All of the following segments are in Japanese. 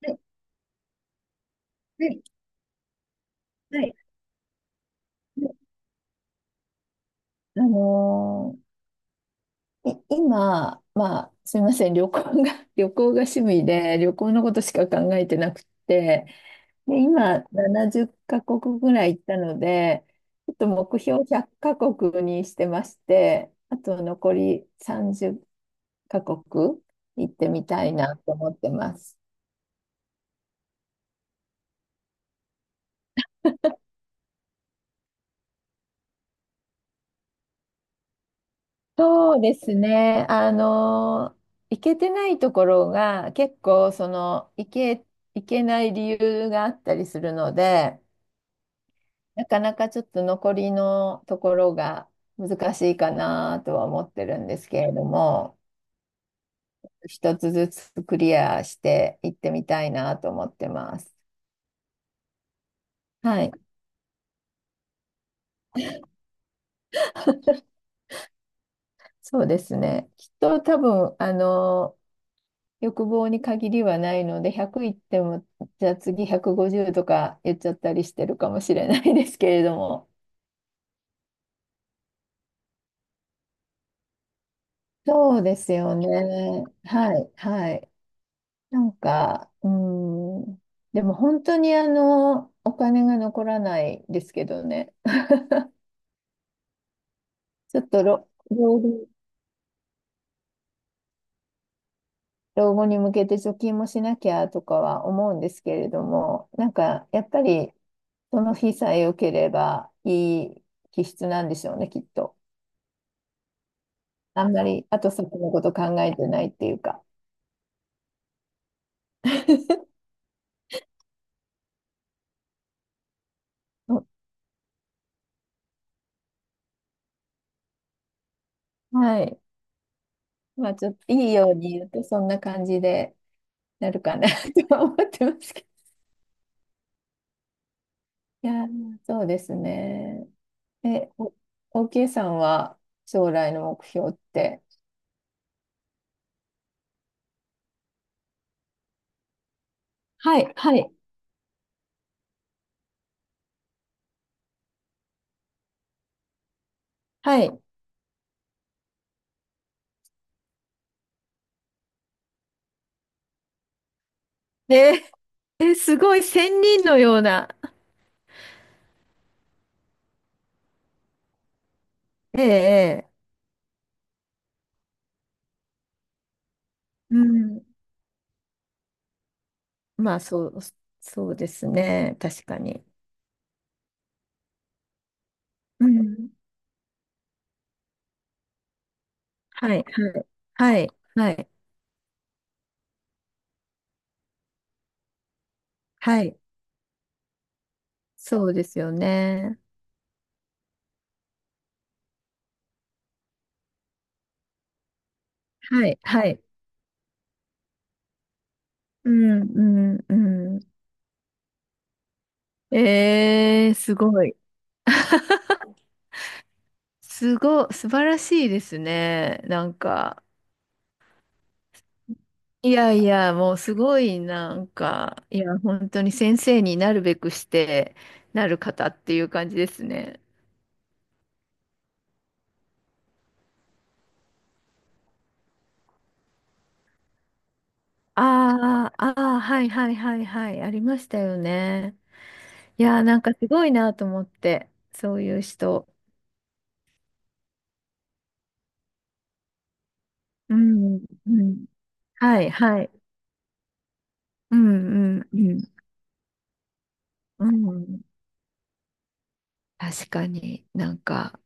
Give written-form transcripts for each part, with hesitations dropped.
はいはいはい。あのー今、まあ、すみません、旅行が、旅行が趣味で、旅行のことしか考えてなくて、で、今、70カ国ぐらい行ったので、ちょっと目標100カ国にしてまして、あと残り30カ国行ってみたいなと思ってます。そうですね。あの、行けてないところが結構その行け、行けない理由があったりするので、なかなかちょっと残りのところが難しいかなとは思ってるんですけれども、一つずつクリアして行ってみたいなと思ってます。はい。そうですね。きっと多分、あの、欲望に限りはないので、100いっても、じゃあ次150とか言っちゃったりしてるかもしれないですけれども。そうですよね。はい、はい。なんか、うーん。でも本当にあの、お金が残らないですけどね。ちょっと老、老後老後に向けて貯金もしなきゃとかは思うんですけれども、なんかやっぱりその日さえ良ければいい気質なんでしょうね、きっと。あんまり後先のこと考えてないっていうか。うん。はい。まあちょっといいように言うとそんな感じでなるかな とは思ってますけど。いやー、そうですね。え、お、OK さんは将来の目標って。はい、はい、はい。えー、すごい仙人のような。ええええ。うん。まあ、そうですね。確かに。うん。はい、はい、はい、はい。はい。そうですよね。はい、はい。うん、うん、うん。えー、すごい。素晴らしいですね。なんか、いやいや、もうすごい、なんか、いや、本当に先生になるべくして、なる方っていう感じですね。ああ、ああ、はいはいはいはい、ありましたよね。いやー、なんかすごいなと思って、そういう人。うん、うん。はいはい。うん、うん、うん。うん。確かになんか、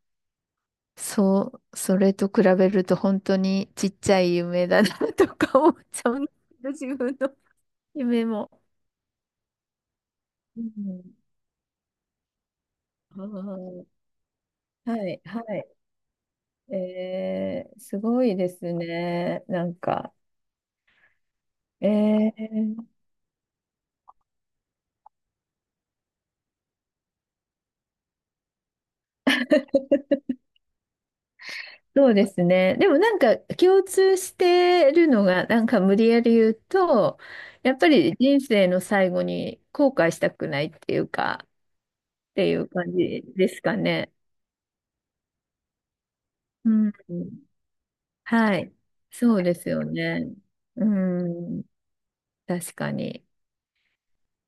そう、それと比べると本当にちっちゃい夢だな とか思っちゃうんだけど、自分の夢も。うん、あー。はい、はい。えー、すごいですね。なんか、えー、そうですね。でもなんか共通してるのが、なんか無理やり言うと、やっぱり人生の最後に後悔したくないっていうか、っていう感じですかね。うん。はい。そうですよね。うん。確かに。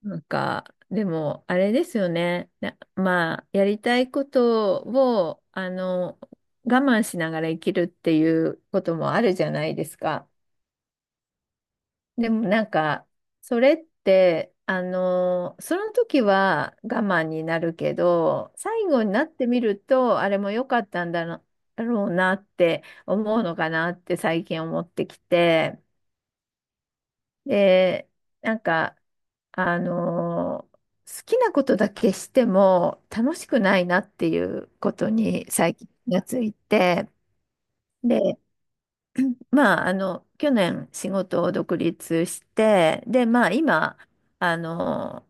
なんか、でも、あれですよね。まあ、やりたいことを、あの、我慢しながら生きるっていうこともあるじゃないですか。でも、なんか、それって、あの、その時は我慢になるけど、最後になってみると、あれも良かったんだろうなって思うのかなって最近思ってきて。で、なんか、あのー好きなことだけしても楽しくないなっていうことに最近気がついて、で、まあ、あの、去年仕事を独立して、で、まあ、今、あの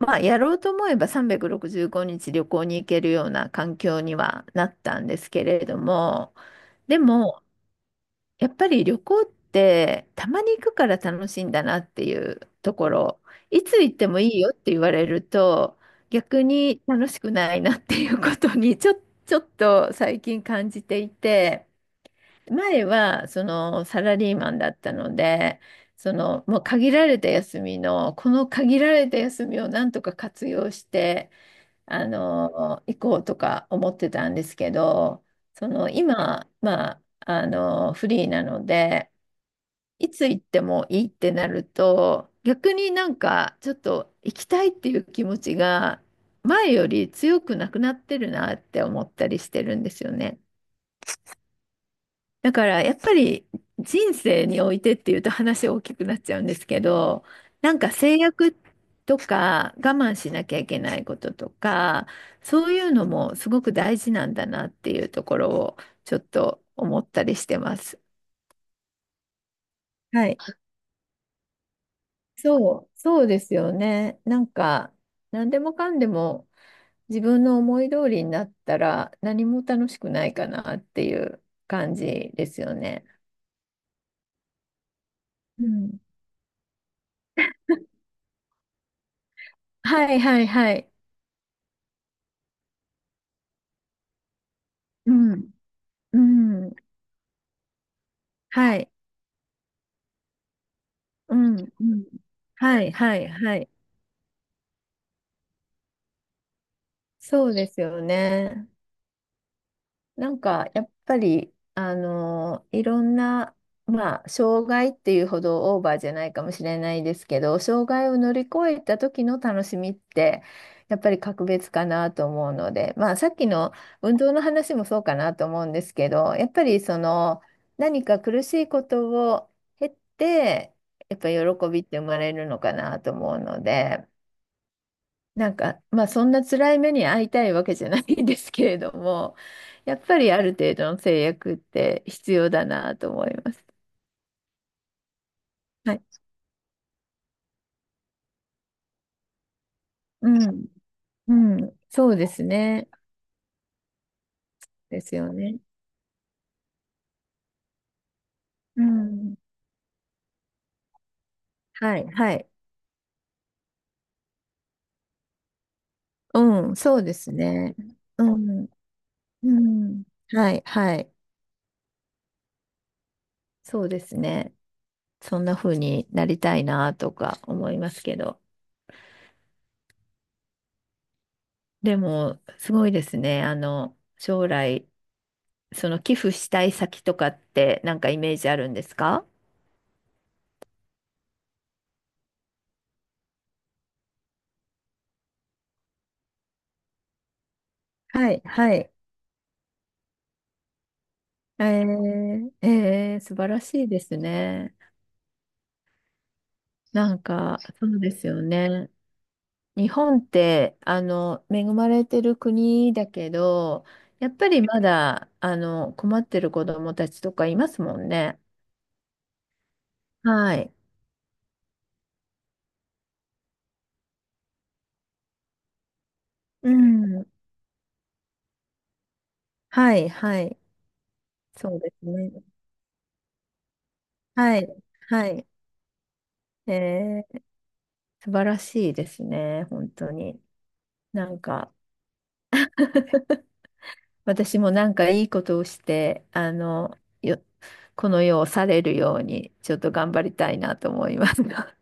ーまあ、やろうと思えば365日旅行に行けるような環境にはなったんですけれども、でも、やっぱり旅行ってたまに行くから楽しいんだなっていうところ、いつ行ってもいいよって言われると逆に楽しくないなっていうことにちょっと最近感じていて、前はそのサラリーマンだったので、そのもう限られた休みの、この限られた休みをなんとか活用して、あの、行こうとか思ってたんですけど、その今、まあ、あのフリーなのでいつ行ってもいいってなると、逆になんかちょっと行きたいっていう気持ちが前より強くなくなってるなって思ったりしてるんですよね。だからやっぱり人生においてっていうと話大きくなっちゃうんですけど、なんか制約とか我慢しなきゃいけないこととか、そういうのもすごく大事なんだなっていうところをちょっと思ったりしてます。はい。そうですよね。なんか、何でもかんでも自分の思い通りになったら何も楽しくないかなっていう感じですよね。うん。はいはいはい。うん。うん。はい。うん。うん。はいはいはい。そうですよね。なんか、やっぱり、あのいろんな、まあ、障害っていうほどオーバーじゃないかもしれないですけど、障害を乗り越えた時の楽しみって、やっぱり格別かなと思うので、まあ、さっきの運動の話もそうかなと思うんですけど、やっぱりその、何か苦しいことを経って、やっぱり喜びって生まれるのかなと思うので、なんか、まあそんな辛い目に遭いたいわけじゃないんですけれども、やっぱりある程度の制約って必要だなと思います。はい。うん。うん。そうですね。ですよね。うん。はい。はい。うん。そうですね。うん。うん。はい。はい。そうですね。そんな風になりたいなとか思いますけど。でも、すごいですね。あの、将来、その寄付したい先とかってなんかイメージあるんですか。はい、はい。えー、ー素晴らしいですね。なんか、そうですよね。日本って、あの、恵まれてる国だけど、やっぱりまだ、あの、困ってる子どもたちとかいますもんね。はい。うん。はい、はい。そうですね。はい、はい。えー、素晴らしいですね、本当に。なんか、私もなんかいいことをして、あの、よ、この世を去れるように、ちょっと頑張りたいなと思いますが。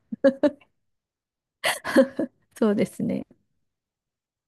そうですね。